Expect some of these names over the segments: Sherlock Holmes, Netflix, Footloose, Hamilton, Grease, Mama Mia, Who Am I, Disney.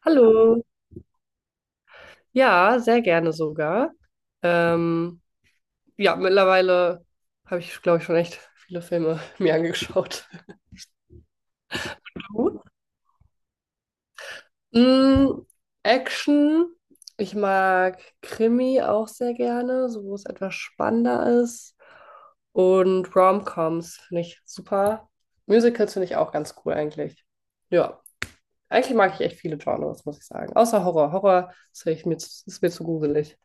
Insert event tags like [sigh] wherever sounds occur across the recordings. Hallo. Ja, sehr gerne sogar. Ähm, ja, mittlerweile habe ich, glaube ich, schon echt viele Filme [laughs] mir angeschaut. Du? Mm, Action. Ich mag Krimi auch sehr gerne, so wo es etwas spannender ist. Und Rom-Coms finde ich super. Musicals finde ich auch ganz cool eigentlich. Ja, eigentlich mag ich echt viele Genres, muss ich sagen. Außer Horror. Horror ist, echt mir, ist mir zu gruselig.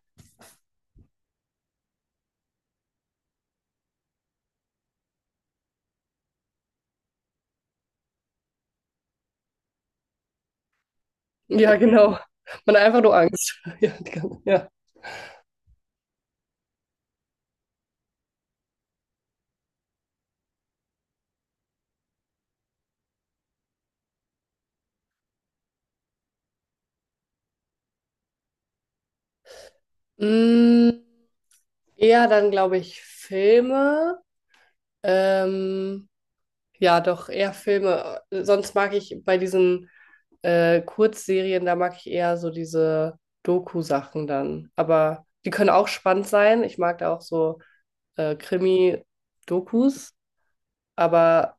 Ja, genau. Man hat einfach nur Angst. [laughs] Ja, ja. Mm, Eher dann, glaube ich, Filme. Ähm, ja, doch, eher Filme. Sonst mag ich bei diesen Kurzserien, da mag ich eher so diese Doku-Sachen dann. Aber die können auch spannend sein. Ich mag da auch so Krimi-Dokus. Aber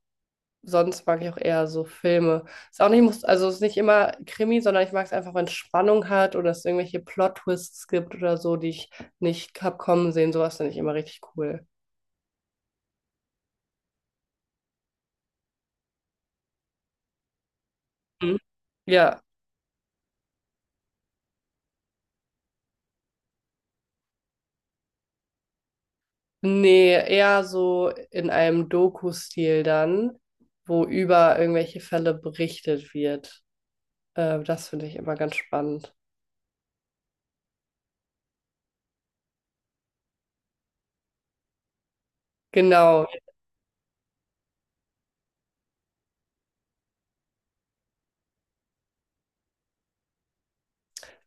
sonst mag ich auch eher so Filme. Ist auch nicht, muss, also ist nicht immer Krimi, sondern ich mag es einfach, wenn es Spannung hat oder es irgendwelche Plot-Twists gibt oder so, die ich nicht hab kommen sehen. Sowas finde ich immer richtig cool. Mhm. Ja, nee, eher so in einem Doku-Stil dann, wo über irgendwelche Fälle berichtet wird. Das finde ich immer ganz spannend. Genau.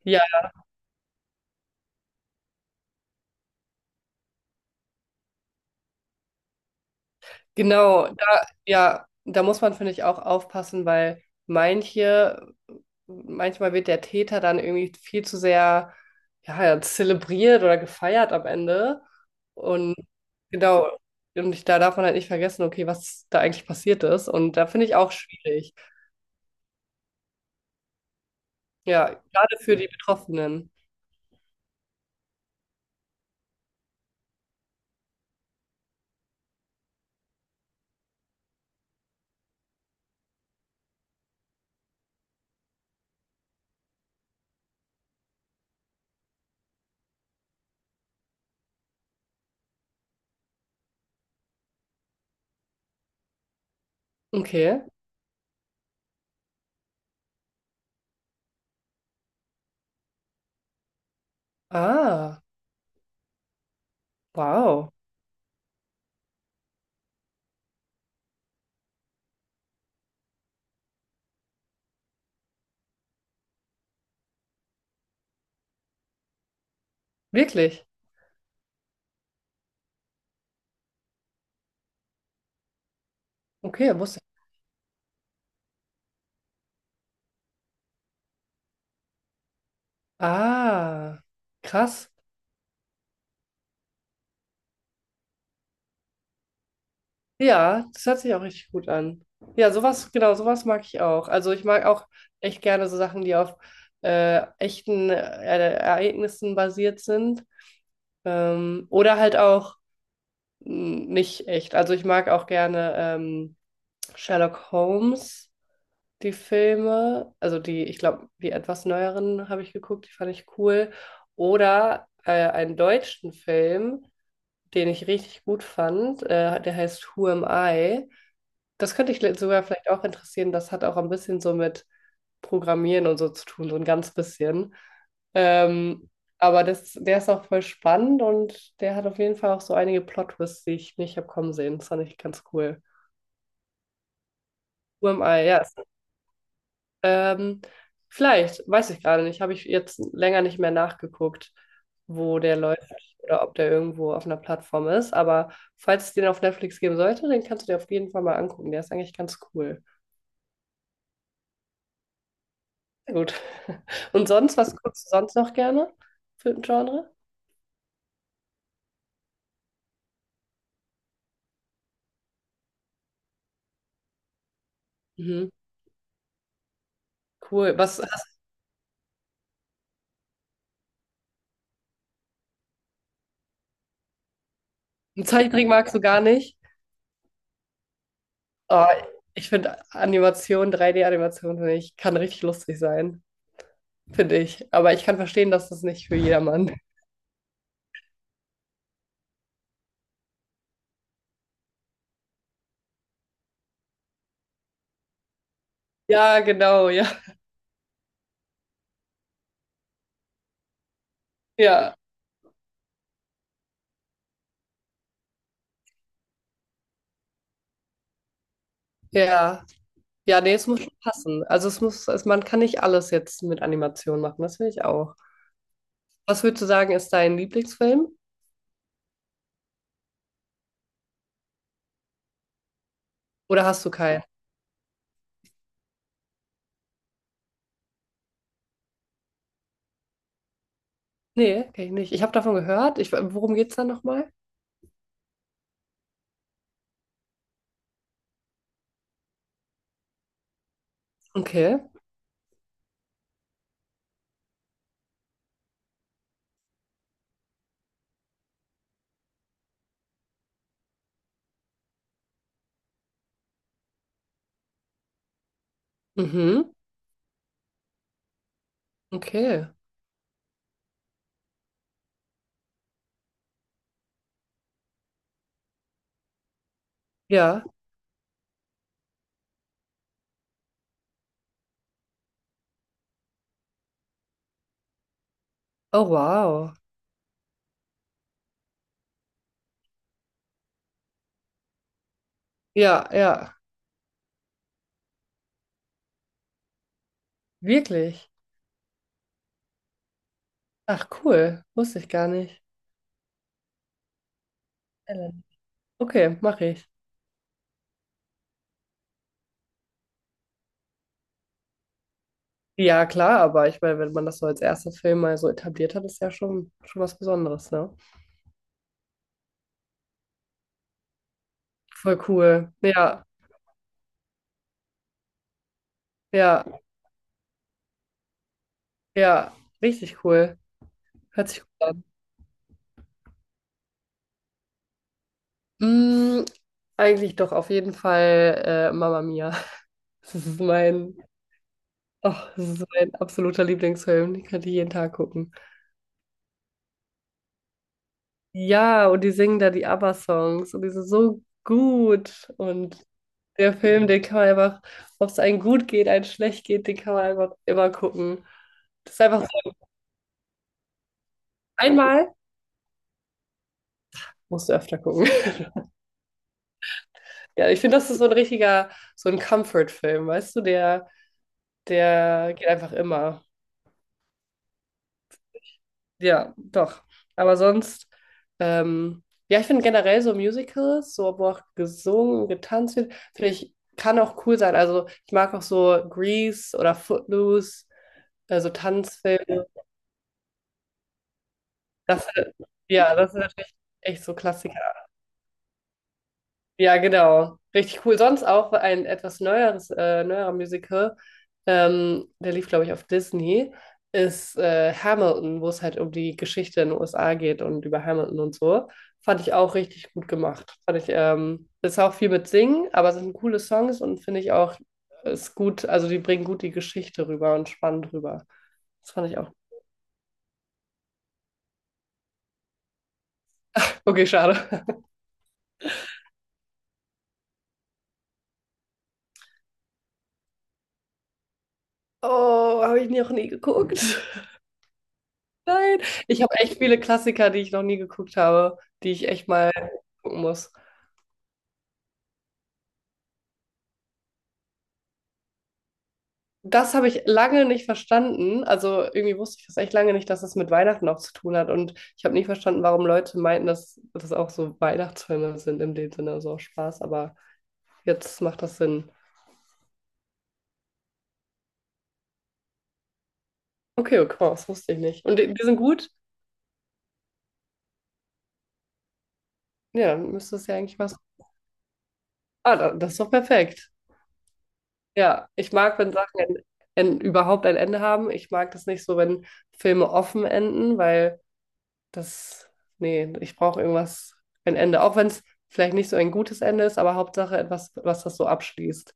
Ja. Genau, da, ja, da muss man, finde ich, auch aufpassen, weil manche, manchmal wird der Täter dann irgendwie viel zu sehr, ja, zelebriert oder gefeiert am Ende. Und genau, und ich, da darf man halt nicht vergessen, okay, was da eigentlich passiert ist. Und da finde ich auch schwierig. Ja, gerade für die Betroffenen. Okay. Ah, wow. Wirklich? Okay, wusste ich. Ah, krass. Ja, das hört sich auch richtig gut an. Ja, sowas, genau, sowas mag ich auch. Also ich mag auch echt gerne so Sachen, die auf echten Ereignissen basiert sind. Oder halt auch nicht echt. Also ich mag auch gerne Sherlock Holmes, die Filme. Also die, ich glaube, die etwas neueren habe ich geguckt, die fand ich cool. Oder einen deutschen Film, den ich richtig gut fand. Der heißt Who Am I? Das könnte ich sogar vielleicht auch interessieren. Das hat auch ein bisschen so mit Programmieren und so zu tun, so ein ganz bisschen. Ähm, aber das, der ist auch voll spannend und der hat auf jeden Fall auch so einige Plot-Twists, die ich nicht habe kommen sehen. Das fand ich ganz cool. Who am I? Ja. Ähm, vielleicht, weiß ich gerade nicht. Habe ich jetzt länger nicht mehr nachgeguckt, wo der läuft oder ob der irgendwo auf einer Plattform ist. Aber falls es den auf Netflix geben sollte, den kannst du dir auf jeden Fall mal angucken. Der ist eigentlich ganz cool. Sehr gut. [laughs] Und sonst, was guckst du sonst noch gerne für ein Genre? Mhm. Cool. Was hast du, Zeichentrick magst du gar nicht? Oh, ich finde Animation, 3D-Animation, finde ich, kann richtig lustig sein, finde ich. Aber ich kann verstehen, dass das nicht für jedermann. [laughs] Ja, genau, ja. Ja, ja. Ja, nee, es muss schon passen. Also es muss, es, man kann nicht alles jetzt mit Animation machen, das finde ich auch. Was würdest du sagen, ist dein Lieblingsfilm? Oder hast du keinen? Nee, kenne ich nicht. Ich habe davon gehört. Ich, worum geht's da nochmal? Okay. Mhm. Okay. Ja. Oh, wow. Ja, ja. Wirklich. Ach, cool. Wusste ich gar nicht. Ellen. Okay, mache ich. Ja, klar, aber ich meine, wenn man das so als erster Film mal so etabliert hat, ist ja schon, schon was Besonderes, ne? Voll cool. Ja, ja, ja. Richtig cool. Hört sich gut an. Mm, Eigentlich doch auf jeden Fall Mama Mia. [laughs] Das ist mein, oh, das ist mein absoluter Lieblingsfilm. Den könnte ich jeden Tag gucken. Ja, und die singen da die ABBA-Songs und die sind so gut. Und der Film, den kann man einfach, ob es einem gut geht, einem schlecht geht, den kann man einfach immer gucken. Das ist einfach so, einmal musst du öfter gucken. [laughs] Ja, ich finde, das ist so ein richtiger, so ein Comfort-Film, weißt du, der, der geht einfach immer. Ja, doch. Aber sonst, ähm, ja, ich finde generell so Musicals, so wo auch gesungen und getanzt wird, finde ich, kann auch cool sein. Also ich mag auch so Grease oder Footloose, also Tanzfilme. Das, ja, das sind natürlich echt so Klassiker. Ja, genau. Richtig cool. Sonst auch ein etwas neueres, neuerer Musical, der lief, glaube ich, auf Disney, ist Hamilton, wo es halt um die Geschichte in den USA geht und über Hamilton und so. Fand ich auch richtig gut gemacht. Fand ich, ist auch viel mit Singen, aber es sind coole Songs und finde ich auch, ist gut, also die bringen gut die Geschichte rüber und spannend rüber. Das fand ich auch. Okay, schade. Oh, habe ich noch nie geguckt. Nein, ich habe echt viele Klassiker, die ich noch nie geguckt habe, die ich echt mal gucken muss. Das habe ich lange nicht verstanden. Also irgendwie wusste ich das echt lange nicht, dass das mit Weihnachten auch zu tun hat. Und ich habe nicht verstanden, warum Leute meinten, dass das auch so Weihnachtsfilme sind in dem Sinne, so auch Spaß. Aber jetzt macht das Sinn. Okay, okay, das wusste ich nicht. Und die, die sind gut? Ja, dann müsste es ja eigentlich was. Ah, da- das ist doch perfekt. Ja, ich mag, wenn Sachen ein, überhaupt ein Ende haben. Ich mag das nicht so, wenn Filme offen enden, weil das, nee, ich brauche irgendwas, ein Ende. Auch wenn es vielleicht nicht so ein gutes Ende ist, aber Hauptsache etwas, was das so abschließt.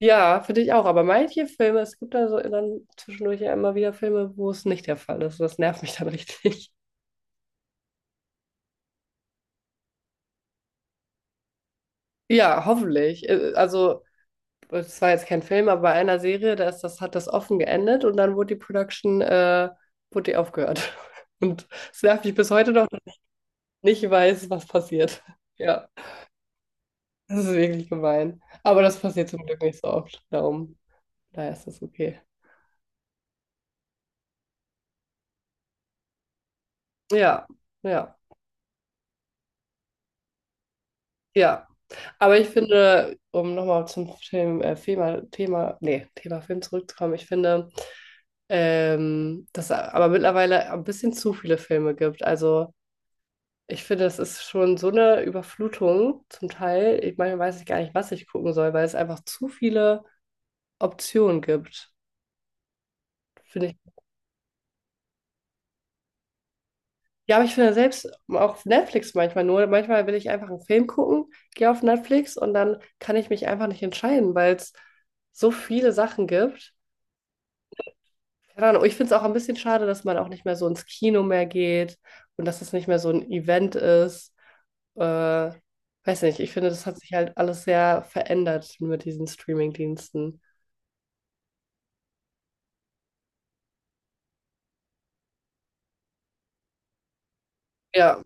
Ja, finde ich auch. Aber manche Filme, es gibt da so dann zwischendurch ja immer wieder Filme, wo es nicht der Fall ist. Das nervt mich [laughs] dann richtig. Ja, hoffentlich. Also, es war jetzt kein Film, aber bei einer Serie, da ist das, hat das offen geendet und dann wurde die Production, wurde die aufgehört. [laughs] Und es nervt mich bis heute noch, dass ich nicht weiß, was passiert. Ja. Das ist wirklich gemein. Aber das passiert zum Glück nicht so oft. Darum, daher ist das okay. Ja, ja, ja. Aber ich finde, um nochmal zum Film, Thema, Thema, nee, Thema Film zurückzukommen, ich finde, dass es aber mittlerweile ein bisschen zu viele Filme gibt. Also ich finde, es ist schon so eine Überflutung zum Teil. Ich meine, weiß ich gar nicht, was ich gucken soll, weil es einfach zu viele Optionen gibt. Finde ich. Ja, aber ich finde selbst auf Netflix manchmal nur, manchmal will ich einfach einen Film gucken, gehe auf Netflix und dann kann ich mich einfach nicht entscheiden, weil es so viele Sachen gibt. Keine Ahnung, ich finde es auch ein bisschen schade, dass man auch nicht mehr so ins Kino mehr geht und dass es nicht mehr so ein Event ist. Äh, Weiß nicht, ich finde, das hat sich halt alles sehr verändert mit diesen Streaming-Diensten. Ja,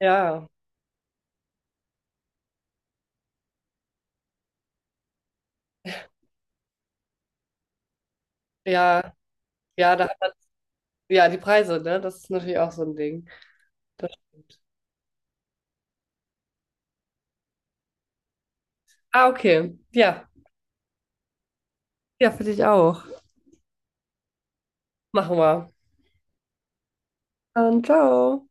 ja, ja, ja, da hat, ja, die Preise, ne? Das ist natürlich auch so ein Ding. Das stimmt. Ah, okay. Ja. Ja, für dich auch. Machen wir. Dann ciao.